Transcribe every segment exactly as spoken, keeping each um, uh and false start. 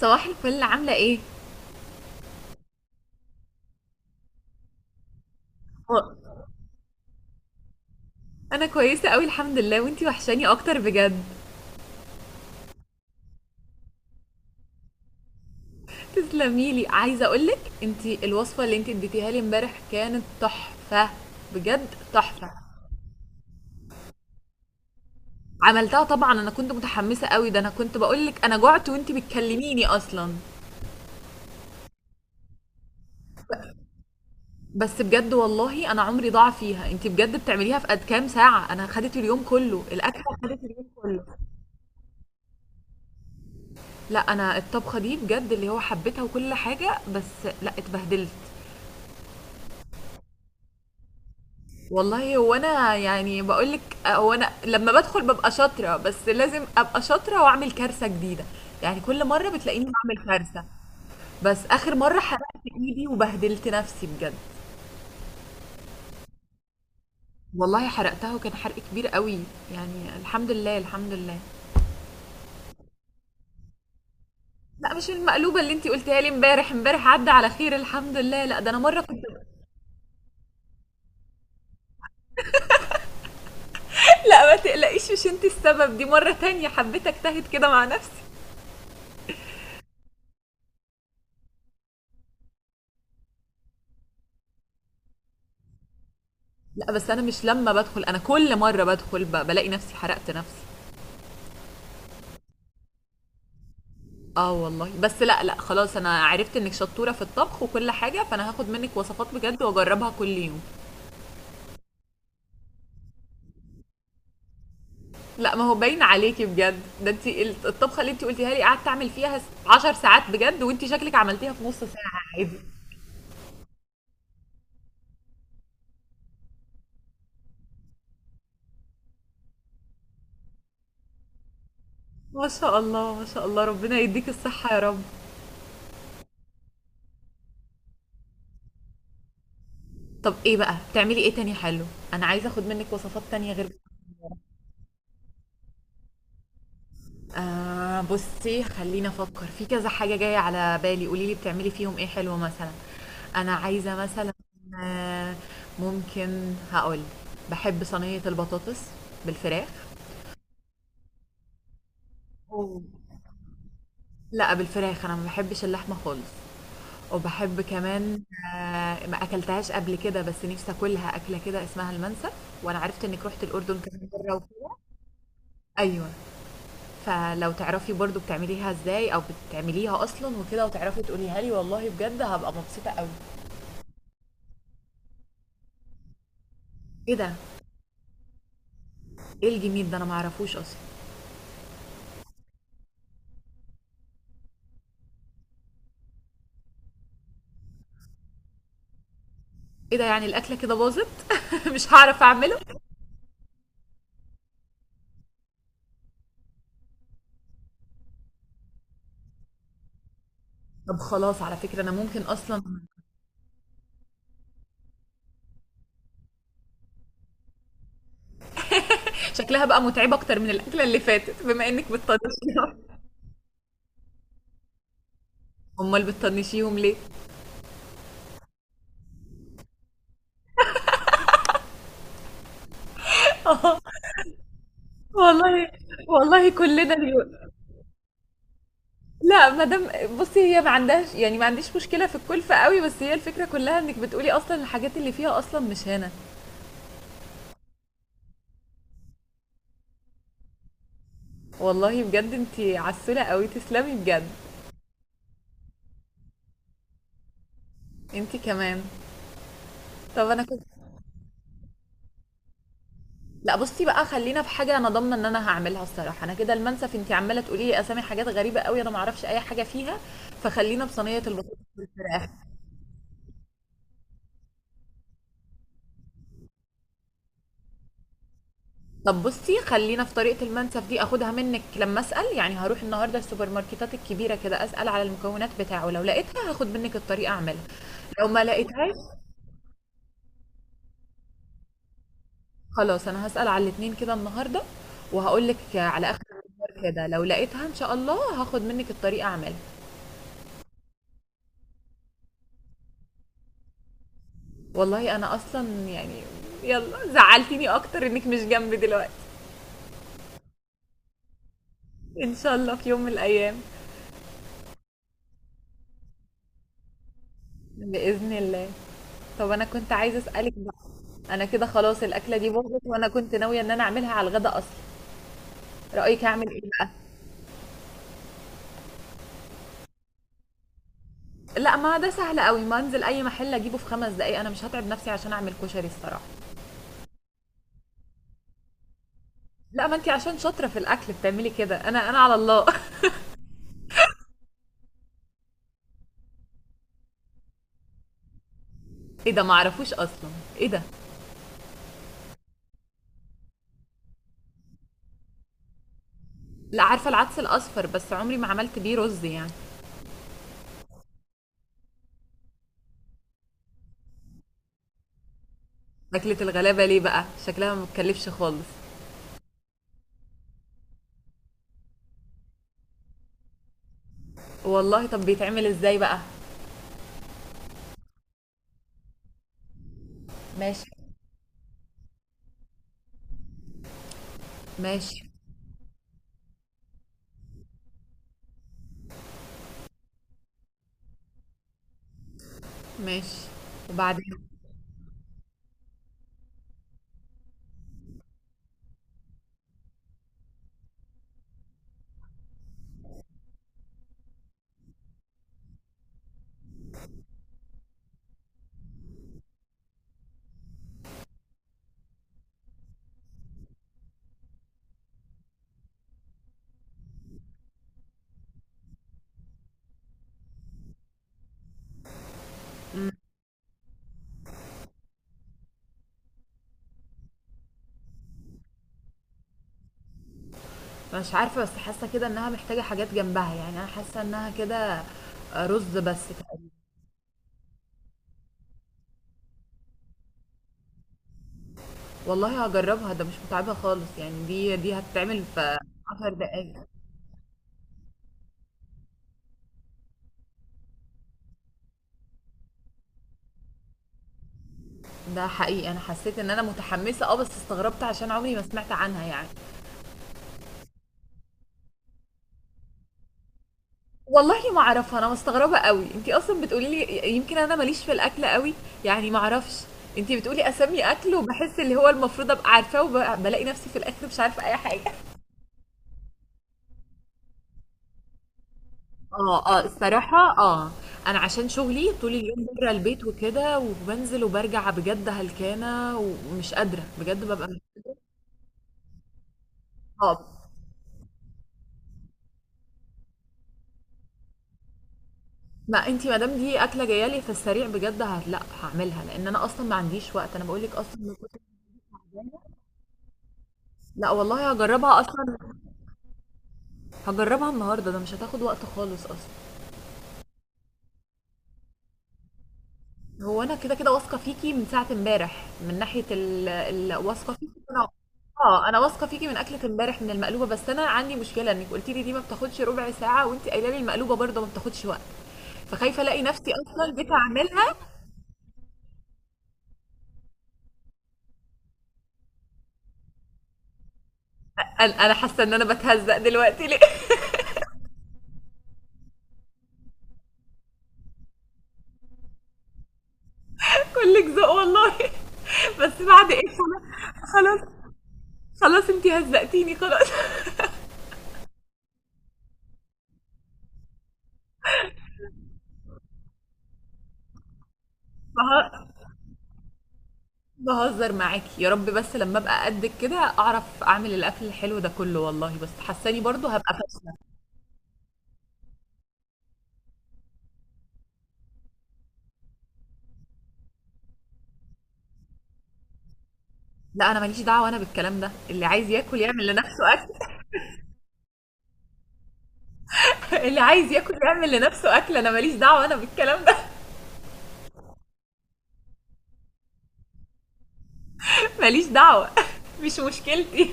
صباح الفل عاملة ايه؟ و- انا كويسة قوي الحمد لله، وانتي وحشاني اكتر بجد. تسلمي لي، عايزة اقولك انتي الوصفة اللي انتي اديتيها لي امبارح كانت تحفة. بجد تحفة. عملتها طبعا، انا كنت متحمسة قوي، ده انا كنت بقولك انا جعت وانتي بتكلميني اصلا. بس بجد والله انا عمري ضاع فيها. انتي بجد بتعمليها في قد كام ساعة؟ انا خدت اليوم كله الاكل، خدت كله. لا انا الطبخة دي بجد اللي هو حبيتها وكل حاجة، بس لا اتبهدلت. والله هو انا يعني بقول لك، هو انا لما بدخل ببقى شاطره، بس لازم ابقى شاطره واعمل كارثه جديده. يعني كل مره بتلاقيني بعمل كارثه. بس اخر مره حرقت ايدي وبهدلت نفسي بجد. والله حرقتها، وكان حرق كبير قوي. يعني الحمد لله الحمد لله. لا مش المقلوبه اللي انتي قلتيها لي امبارح، امبارح عدى على خير الحمد لله. لا ده انا مره كنت. لا ما تقلقيش، مش انتي السبب، دي مره تانية حبيت اجتهد كده مع نفسي. لا بس انا مش لما بدخل، انا كل مره بدخل ب- بلاقي نفسي حرقت نفسي. اه والله، بس لا لا خلاص، انا عرفت انك شطورة في الطبخ وكل حاجة، فانا هاخد منك وصفات بجد واجربها كل يوم. لا ما هو باين عليكي بجد، ده انت الطبخة اللي انت قلتيها لي قعدت اعمل فيها عشر ساعات بجد، وانت شكلك عملتيها في نص ساعة عادي. ما شاء الله ما شاء الله، ربنا يديك الصحة يا رب. طب ايه بقى بتعملي ايه تاني حلو؟ انا عايزة اخد منك وصفات تانية غير. آه بصي خليني افكر في كذا حاجه جايه على بالي، قولي لي بتعملي فيهم ايه حلو مثلا. انا عايزه مثلا، آه، ممكن هقول بحب صينيه البطاطس بالفراخ. أوه. لا بالفراخ، انا ما بحبش اللحمه خالص. وبحب كمان، آه، ما اكلتهاش قبل كده بس نفسي اكلها، اكله كده اسمها المنسف، وانا عرفت انك رحت الاردن كذا مره وكده. ايوه. فلو تعرفي برضو بتعمليها ازاي، او بتعمليها اصلا وكده وتعرفي تقوليها لي، والله بجد هبقى مبسوطة قوي. ايه ده؟ ايه الجميل ده انا معرفوش اصلا. ايه ده، يعني الاكله كده باظت؟ مش هعرف اعمله. طب خلاص، على فكرة انا ممكن اصلا. شكلها بقى متعبة اكتر من الاكلة اللي فاتت بما انك بتطنشيهم. امال بتطنشيهم ليه؟ والله. والله كلنا اليوم. لا مدام بصي، هي ما عندهاش يعني، ما عنديش مشكلة في الكلفة قوي، بس هي الفكرة كلها انك بتقولي اصلا الحاجات اللي فيها اصلا مش هنا. والله بجد انتي عسولة قوي، تسلمي بجد. انتي كمان. طب انا كنت. لا بصي بقى، خلينا في حاجة انا ضامنة ان انا هعملها الصراحة. انا كده المنسف انتي عمالة تقولي لي اسامي حاجات غريبة قوي، انا معرفش اي حاجة فيها. فخلينا بصينية البطاطس بالفراخ. طب بصي خلينا في طريقة المنسف دي، اخدها منك، لما اسأل يعني، هروح النهاردة السوبر ماركتات الكبيرة كده اسأل على المكونات بتاعه، لو لقيتها هاخد منك الطريقة اعملها. لو ما لقيتهاش، خلاص انا هسأل على الاتنين كده النهارده، وهقول لك على اخر النهار كده، لو لقيتها ان شاء الله هاخد منك الطريقه اعملها. والله انا اصلا يعني، يلا زعلتيني اكتر انك مش جنبي دلوقتي. ان شاء الله في يوم من الايام. باذن الله. طب انا كنت عايزه اسالك بقى، انا كده خلاص الاكله دي باظت، وانا كنت ناويه ان انا اعملها على الغدا اصلا. رايك اعمل ايه بقى؟ لا ما ده سهل قوي، ما انزل اي محل اجيبه في خمس دقايق، انا مش هتعب نفسي عشان اعمل كشري الصراحه. لا ما انت عشان شاطره في الاكل بتعملي كده، انا انا على الله. ايه ده معرفوش اصلا. ايه ده. لا عارفه العدس الاصفر، بس عمري ما عملت بيه رز يعني. اكلة الغلابه ليه بقى؟ شكلها ما بتكلفش خالص. والله طب بيتعمل ازاي بقى؟ ماشي. ماشي. ماشي، وبعدين؟ مش عارفه، بس حاسه كده انها محتاجه حاجات جنبها يعني، انا حاسه انها كده آه، رز بس تقريبا. والله هجربها، ده مش متعبه خالص يعني، دي دي هتتعمل في عشر دقايق. ده حقيقي انا حسيت ان انا متحمسه، اه بس استغربت عشان عمري ما سمعت عنها يعني. والله ما اعرفها، انا مستغربه قوي انتي اصلا بتقولي لي، يمكن انا ماليش في الاكل قوي يعني، ما اعرفش. انتي بتقولي اسامي اكل وبحس اللي هو المفروض ابقى عارفاه، وبلاقي نفسي في الاخر مش عارفه اي حاجه. اه اه الصراحه اه. انا عشان شغلي طول اليوم بره البيت وكده، وبنزل وبرجع بجد هلكانه ومش قادره بجد ببقى مش. اه ما انتي مادام دي اكله جايه لي في السريع بجد، هت- لا هعملها، لان انا اصلا ما عنديش وقت، انا بقول لك اصلا من كتر- لا والله هجربها اصلا. هجربها النهارده، ده مش هتاخد وقت خالص اصلا. هو انا كده كده واثقه فيكي من ساعه امبارح من ناحيه ال... ال... واثقه فيكي انا. اه انا واثقه فيكي من اكله امبارح من المقلوبه، بس انا عندي مشكله انك قلتي لي دي ما بتاخدش ربع ساعه، وانت قايله لي المقلوبه برضه ما بتاخدش وقت، فخايفه الاقي نفسي اصلا جيت اعملها. انا أنا حاسه ان انا بتهزق دلوقتي ليه. كلك ذوق والله. بس بعد ايه، خلاص. خلاص. خلاص انت هزقتيني خلاص. بهزر معاكي يا رب، بس لما ابقى قدك كده اعرف اعمل الاكل الحلو ده كله والله، بس حاساني برضو هبقى فاشله. لا انا ماليش دعوه انا بالكلام ده، اللي عايز ياكل يعمل لنفسه اكل. اللي عايز ياكل يعمل لنفسه اكل، انا ماليش دعوه انا بالكلام ده. ماليش دعوه. مش مشكلتي.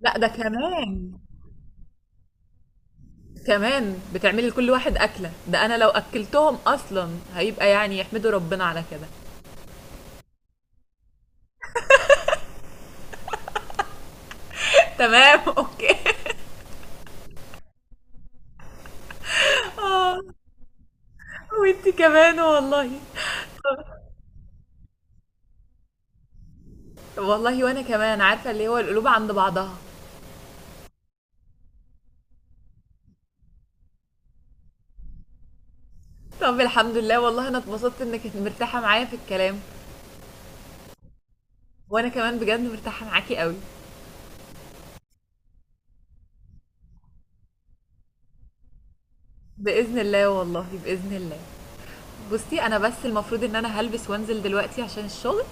لا ده كمان كمان بتعملي لكل واحد اكله، ده انا لو اكلتهم اصلا هيبقى يعني يحمدوا ربنا على كده. تمام اوكي اه. وانتي كمان والله. والله وأنا كمان، عارفة اللي هو القلوب عند بعضها. طب الحمد لله والله، أنا اتبسطت إنِّك مرتاحة معايا في الكلام، وأنا كمان بجد مرتاحة معاكِ أوي. بإذن الله والله، بإذن الله. بُصّي، أنا بس المفروض إن أنا هالبس وأنزل دلوقتي عشان الشغل،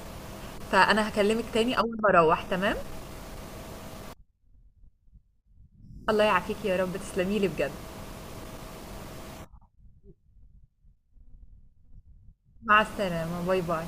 فأنا هاكلمِك تاني أول ما أروّح تمام؟ الله يعافيكِ يا رب، تسلمي لي بجد. مع السلامة، باي، باي.